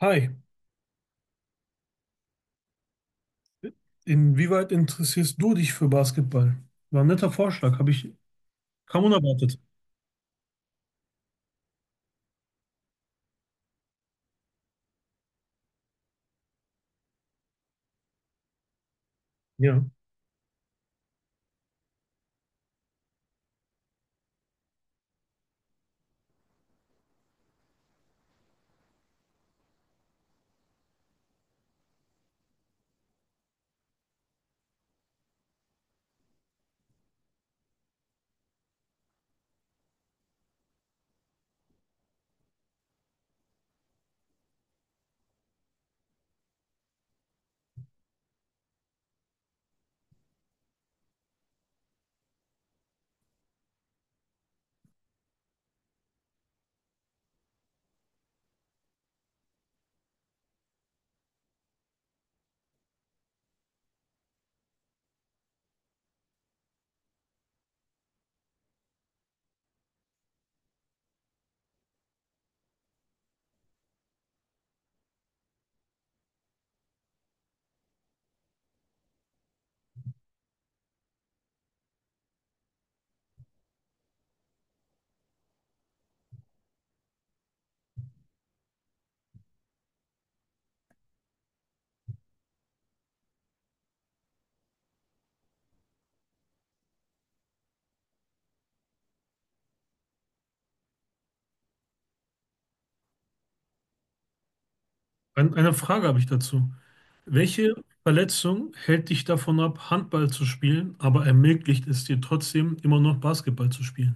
Hi, inwieweit interessierst du dich für Basketball? War ein netter Vorschlag, habe ich kaum unerwartet. Ja. Eine Frage habe ich dazu. Welche Verletzung hält dich davon ab, Handball zu spielen, aber ermöglicht es dir trotzdem immer noch Basketball zu spielen?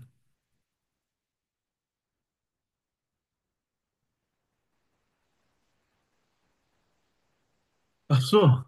Ach so,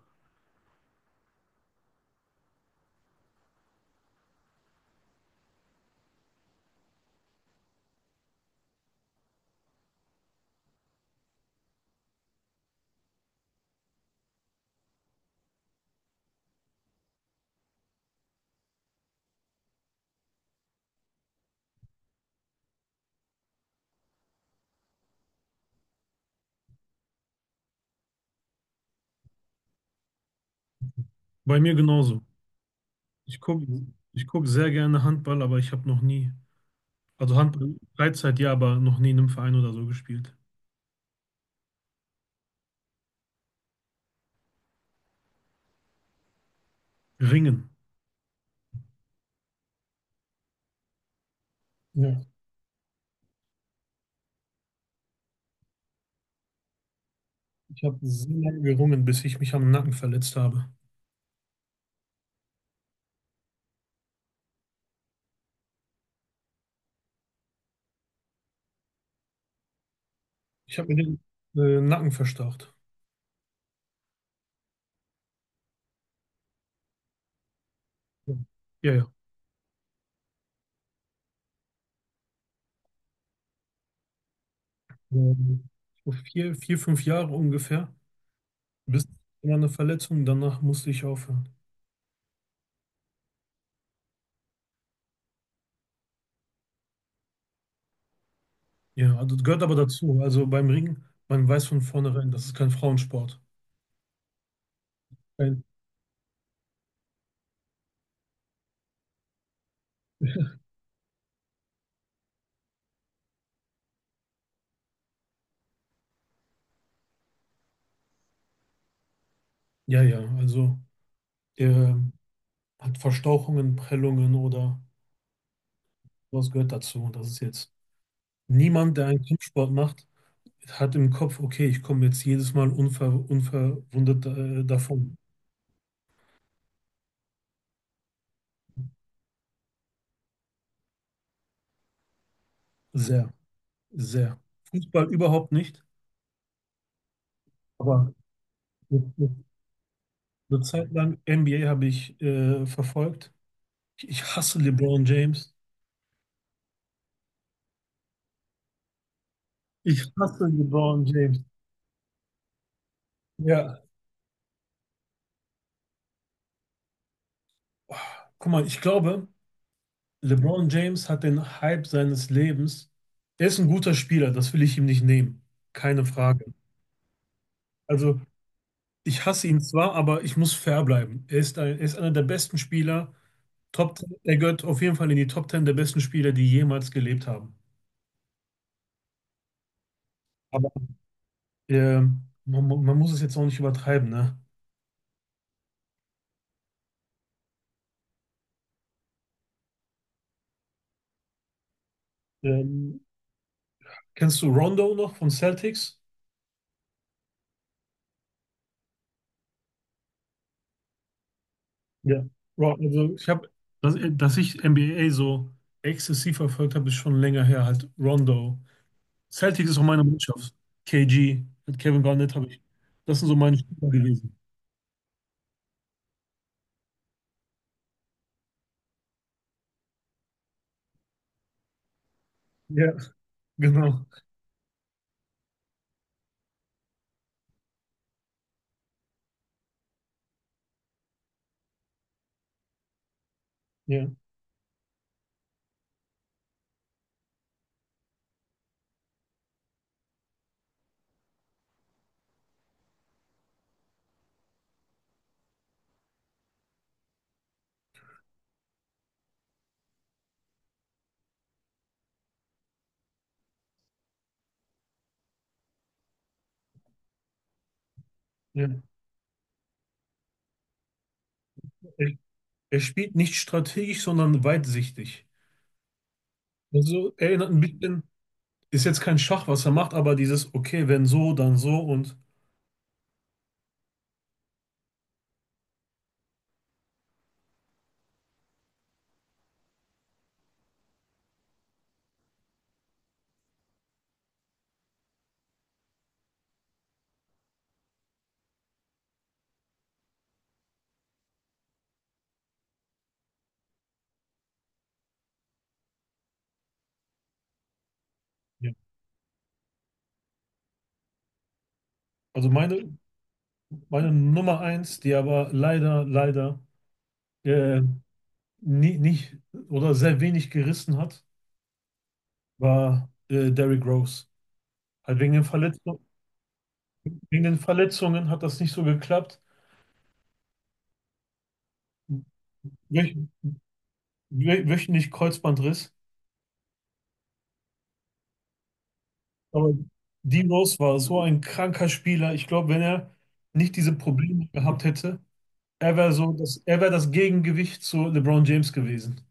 bei mir genauso. Ich gucke ich guck sehr gerne Handball, aber ich habe noch nie, also Handball Freizeit ja, aber noch nie in einem Verein oder so gespielt. Ringen. Ja, ich habe sehr lange gerungen, bis ich mich am Nacken verletzt habe. Ich habe mir den Nacken verstaucht. Ja, ja, ja. Ähm, so vier, fünf Jahre ungefähr. Bis immer eine Verletzung, danach musste ich aufhören. Ja, also das gehört aber dazu. Also beim Ringen, man weiß von vornherein, das ist kein Frauensport. Kein, ja, ja, also der hat Verstauchungen, Prellungen oder was gehört dazu. Das ist jetzt niemand, der einen Kampfsport macht, hat im Kopf, okay, ich komme jetzt jedes Mal unverwundet davon. Sehr, sehr. Fußball überhaupt nicht. Aber eine, eine, eine Zeit lang NBA habe ich verfolgt. Ich hasse LeBron James. Ich hasse LeBron James. Ja, guck mal, ich glaube, LeBron James hat den Hype seines Lebens. Er ist ein guter Spieler, das will ich ihm nicht nehmen. Keine Frage. Also, ich hasse ihn zwar, aber ich muss fair bleiben. Er ist ein, er ist einer der besten Spieler. Top, er gehört auf jeden Fall in die Top 10 der besten Spieler, die jemals gelebt haben. Aber man, man muss es jetzt auch nicht übertreiben, ne? Ähm, kennst du Rondo noch von Celtics? Ja. Also ich habe, dass ich NBA so exzessiv verfolgt habe, ist schon länger her. Halt Rondo. Celtics ist auch meine Mannschaft. KG, mit Kevin Garnett habe ich. Das sind so meine Spieler gewesen. Ja, genau. Ja, ja. Er, er spielt nicht strategisch, sondern weitsichtig. Also erinnert ein bisschen, ist jetzt kein Schach, was er macht, aber dieses, okay, wenn so, dann so und ja. Also meine, meine Nummer eins, die aber leider, leider äh, nie, nicht oder sehr wenig gerissen hat, war Derrick Rose. Halt wegen den Verletzungen hat das nicht so geklappt. Wöch, wöchentlich Kreuzbandriss. Aber Dean Rose war so ein kranker Spieler. Ich glaube, wenn er nicht diese Probleme gehabt hätte, er wäre das Gegengewicht zu LeBron James gewesen.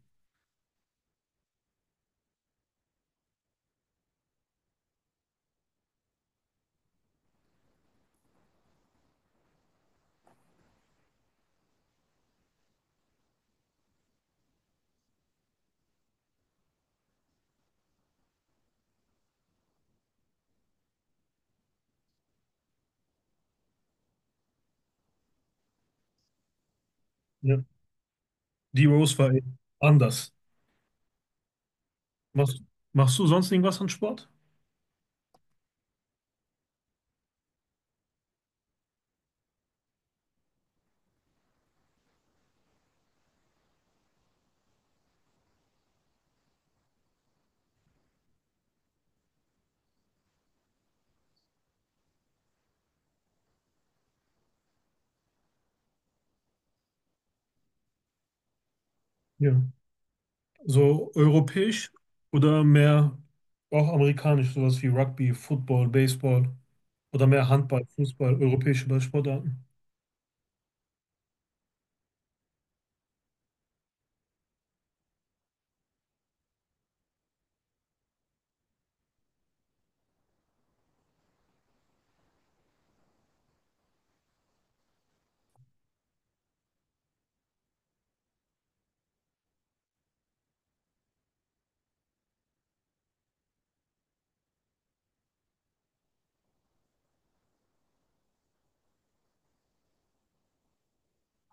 Ja. D. Rose war eh anders. Machst, machst du sonst irgendwas an Sport? Ja. So europäisch oder mehr auch amerikanisch, sowas wie Rugby, Football, Baseball oder mehr Handball, Fußball, europäische Ballsportarten.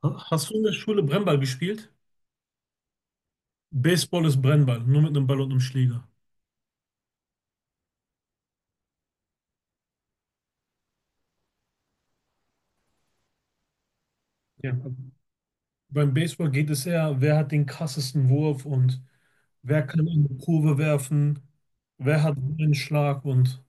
Hast du in der Schule Brennball gespielt? Baseball ist Brennball, nur mit einem Ball und einem Schläger. Ja. Beim Baseball geht es eher, wer hat den krassesten Wurf und wer kann in die Kurve werfen, wer hat einen Schlag und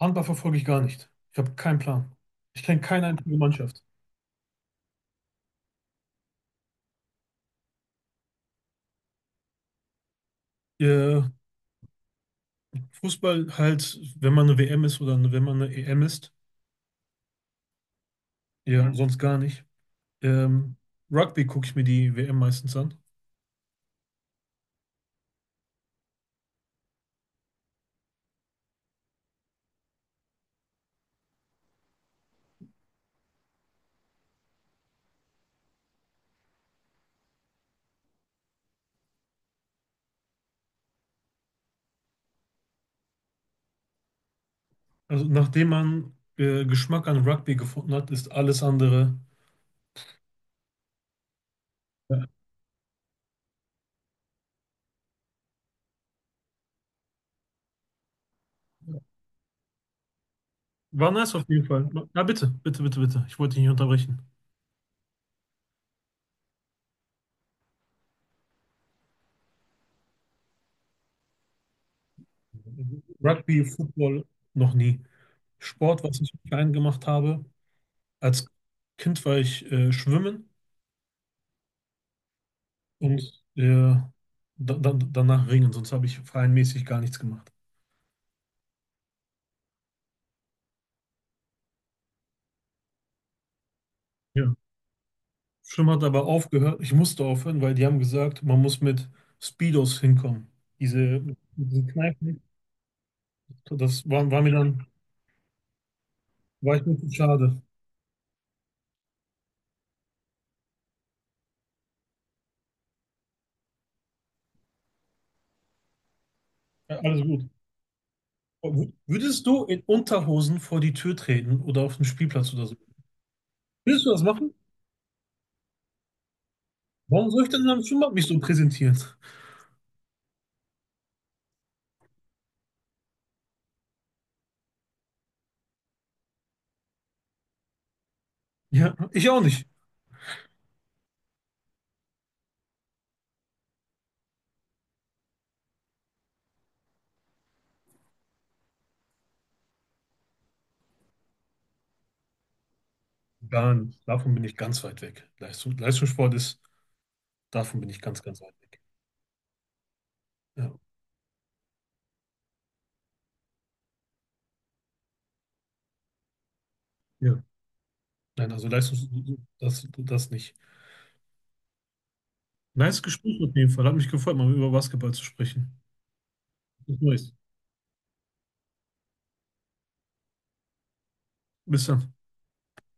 Handball verfolge ich gar nicht. Ich habe keinen Plan. Ich kenne keine einzige Mannschaft. Äh, Fußball halt, wenn man eine WM ist oder wenn man eine EM ist, ja, mhm, sonst gar nicht. Ähm, Rugby gucke ich mir die WM meistens an. Also nachdem man Geschmack an Rugby gefunden hat, ist alles andere. Ja. War nice auf jeden Fall. Ja, bitte, bitte, bitte, bitte. Ich wollte dich nicht unterbrechen. Rugby, Football noch nie. Sport, was ich klein gemacht habe. Als Kind war ich schwimmen und äh, danach ringen, sonst habe ich vereinsmäßig gar nichts gemacht. Ja. Schwimmen hat aber aufgehört. Ich musste aufhören, weil die haben gesagt, man muss mit Speedos hinkommen. Diese, diese Kneipen, war mir dann, war ich mir zu schade. Ja, alles gut. Würdest du in Unterhosen vor die Tür treten oder auf den Spielplatz oder so? Willst du das machen? Warum soll ich denn in einem Schwimmbad mich so präsentieren? Ja, ich auch nicht. Gar nicht. Davon bin ich ganz weit weg. Leistungssport ist, davon bin ich ganz, ganz weit weg. Ja. Ja. Nein, also Leistungs, das, das nicht. Nice Gespräch auf jeden Fall. Hat mich gefreut, mal über Basketball zu sprechen. Bis Neues. Bis dann.